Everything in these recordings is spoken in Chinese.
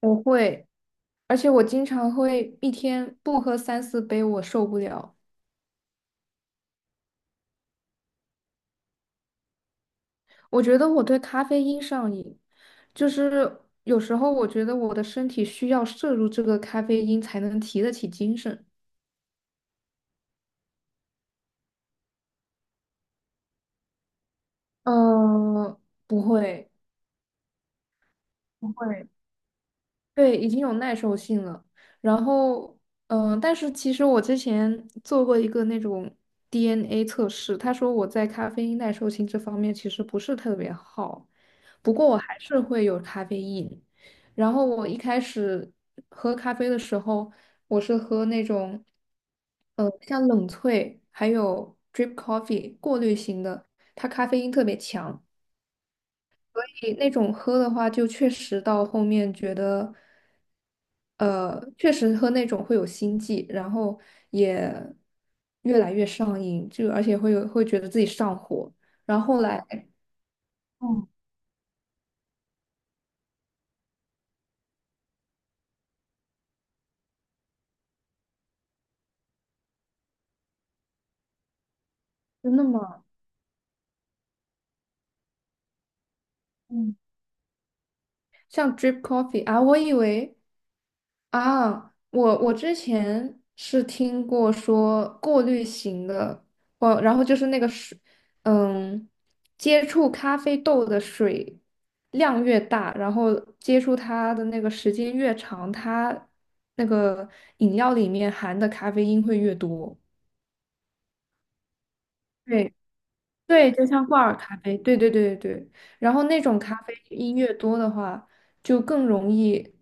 我会，而且我经常会一天不喝三四杯，我受不了。我觉得我对咖啡因上瘾，就是有时候我觉得我的身体需要摄入这个咖啡因才能提得起精神。嗯，不会，不会。对，已经有耐受性了。然后，但是其实我之前做过一个那种 DNA 测试，他说我在咖啡因耐受性这方面其实不是特别好，不过我还是会有咖啡因。然后我一开始喝咖啡的时候，我是喝那种，像冷萃还有 drip coffee 过滤型的，它咖啡因特别强。诶那种喝的话，就确实到后面觉得，确实喝那种会有心悸，然后也越来越上瘾，就而且会有会觉得自己上火。然后后来，嗯真的吗？嗯，像 drip coffee 啊，我以为。啊，我之前是听过说过滤型的，哦，然后就是那个水，嗯，接触咖啡豆的水量越大，然后接触它的那个时间越长，它那个饮料里面含的咖啡因会越多。对，对，就像挂耳咖啡，对对对对对。然后那种咖啡因越多的话，就更容易。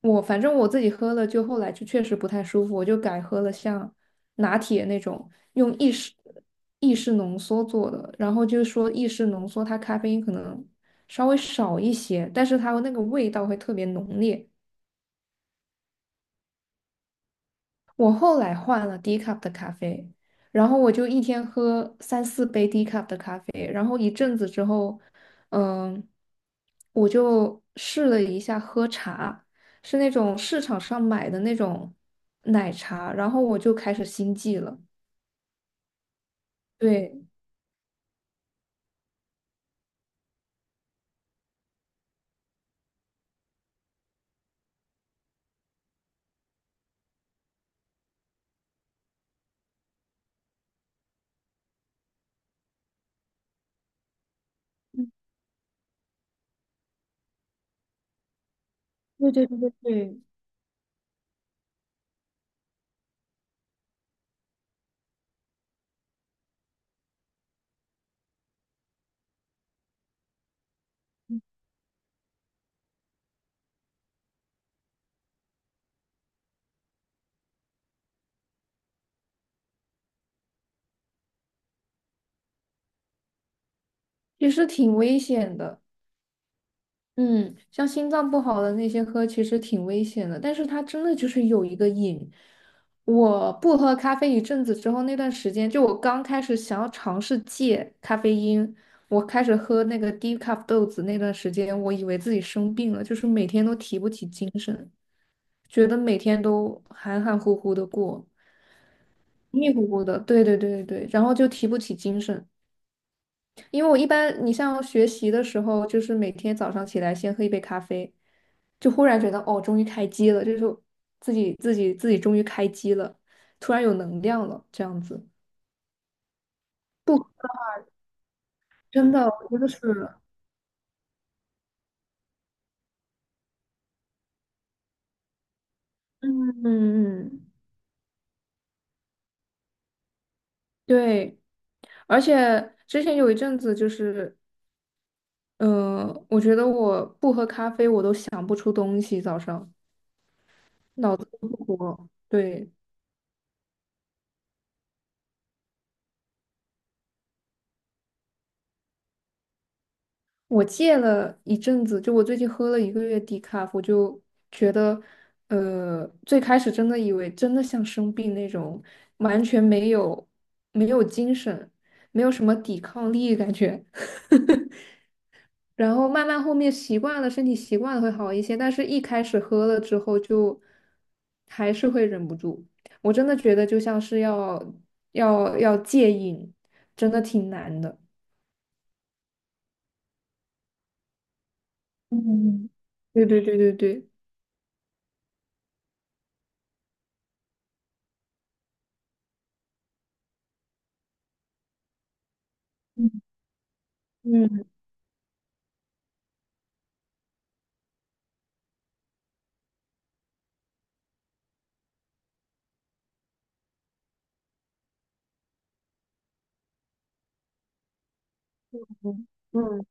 我反正我自己喝了，就后来就确实不太舒服，我就改喝了像拿铁那种用意式浓缩做的。然后就是说意式浓缩它咖啡因可能稍微少一些，但是它那个味道会特别浓烈。我后来换了低 cup 的咖啡，然后我就一天喝三四杯低 cup 的咖啡，然后一阵子之后，嗯，我就试了一下喝茶，是那种市场上买的那种奶茶，然后我就开始心悸了。对，对对对对对，其实挺危险的。嗯，像心脏不好的那些喝其实挺危险的，但是它真的就是有一个瘾。我不喝咖啡一阵子之后，那段时间就我刚开始想要尝试戒咖啡因，我开始喝那个低 e 豆子那段时间，我以为自己生病了，就是每天都提不起精神，觉得每天都含含糊糊的过，迷迷糊糊的，对对对对对，然后就提不起精神。因为我一般，你像学习的时候，就是每天早上起来先喝一杯咖啡，就忽然觉得哦，终于开机了，就是自己终于开机了，突然有能量了，这样子。不，真的，我觉得是，嗯嗯嗯，对。而且之前有一阵子就是，嗯、我觉得我不喝咖啡，我都想不出东西，早上脑子都不活。对，我戒了一阵子，就我最近喝了一个月低卡，我就觉得，最开始真的以为真的像生病那种，完全没有没有精神，没有什么抵抗力感觉。然后慢慢后面习惯了，身体习惯了会好一些，但是一开始喝了之后就还是会忍不住。我真的觉得就像是要戒瘾，真的挺难的。嗯对对对对对。嗯嗯嗯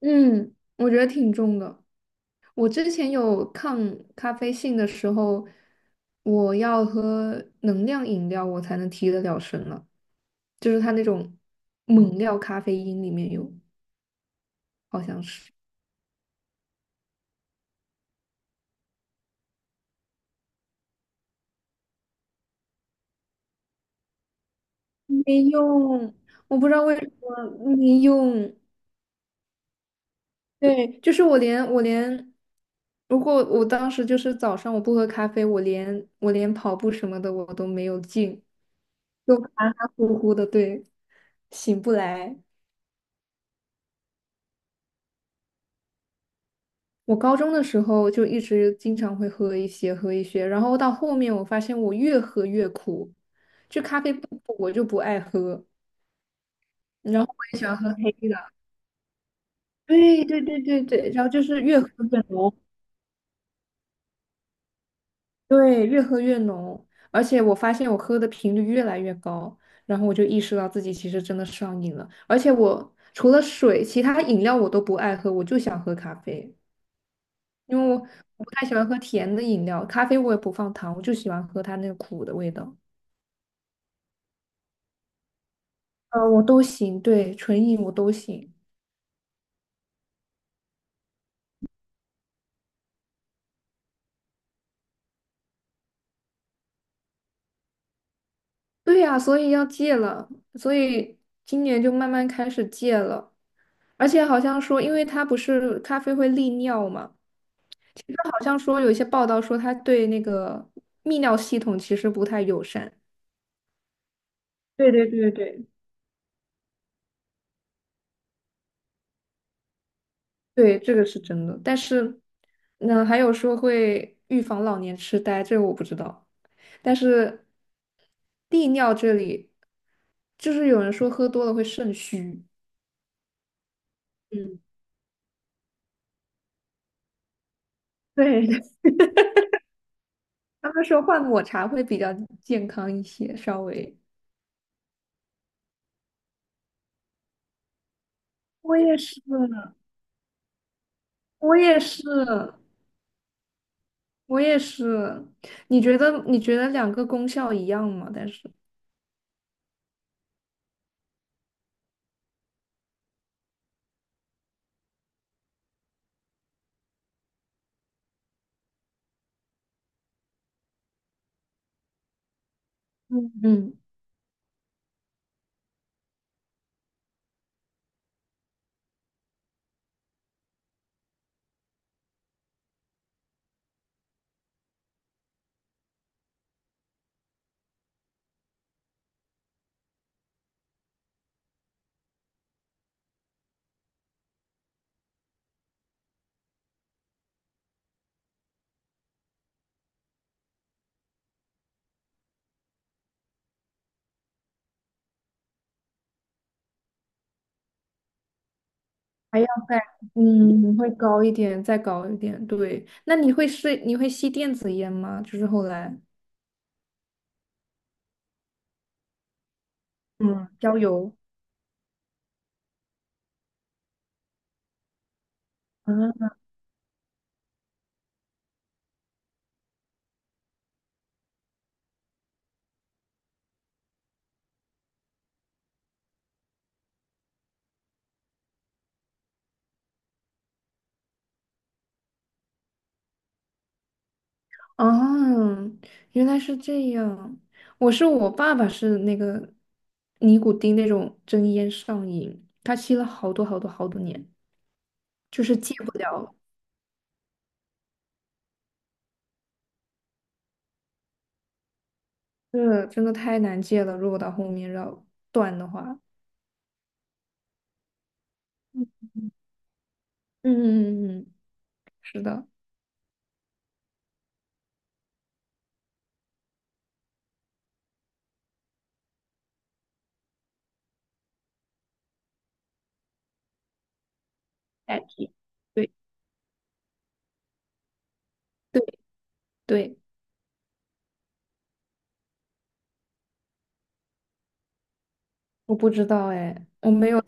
嗯，我觉得挺重的。我之前有抗咖啡性的时候，我要喝能量饮料，我才能提得了神了。就是它那种猛料咖啡因里面有，好像是没用，我不知道为什么没用。对，就是我连，如果我当时就是早上我不喝咖啡，我连跑步什么的我都没有劲，就含含糊糊的，对，醒不来。我高中的时候就一直经常会喝一些，然后到后面我发现我越喝越苦，就咖啡不苦我就不爱喝，然后我也喜欢喝黑的，对对对对对，然后就是越喝越浓，对，越喝越浓，而且我发现我喝的频率越来越高，然后我就意识到自己其实真的上瘾了，而且我除了水，其他饮料我都不爱喝，我就想喝咖啡。因为我不太喜欢喝甜的饮料，咖啡我也不放糖，我就喜欢喝它那个苦的味道。嗯，我都行，对，纯饮我都行。对呀，所以要戒了，所以今年就慢慢开始戒了。而且好像说，因为它不是咖啡会利尿嘛，它好像说有一些报道说它对那个泌尿系统其实不太友善。对对对对。对，这个是真的。但是，那还有说会预防老年痴呆，这个我不知道。但是利尿这里，就是有人说喝多了会肾虚。嗯。对，对他们说换抹茶会比较健康一些，稍微。我也是，我也是，我也是。你觉得两个功效一样吗？但是，嗯嗯，还要再嗯会高一点，再高一点。对，那你会吸电子烟吗？就是后来嗯，嗯，焦油。啊，哦，原来是这样。我爸爸是那个尼古丁那种真烟上瘾，他吸了好多好多好多年，就是戒不了。是，真的太难戒了。如果到后面要断的话，嗯嗯嗯嗯，嗯是的，代替。对对对，我不知道哎，我没有。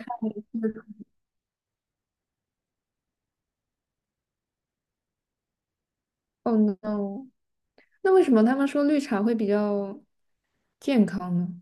Oh no，那为什么他们说绿茶会比较健康呢？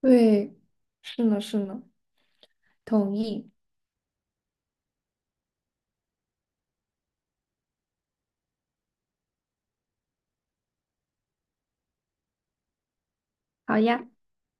对，是呢是呢，同意。好呀。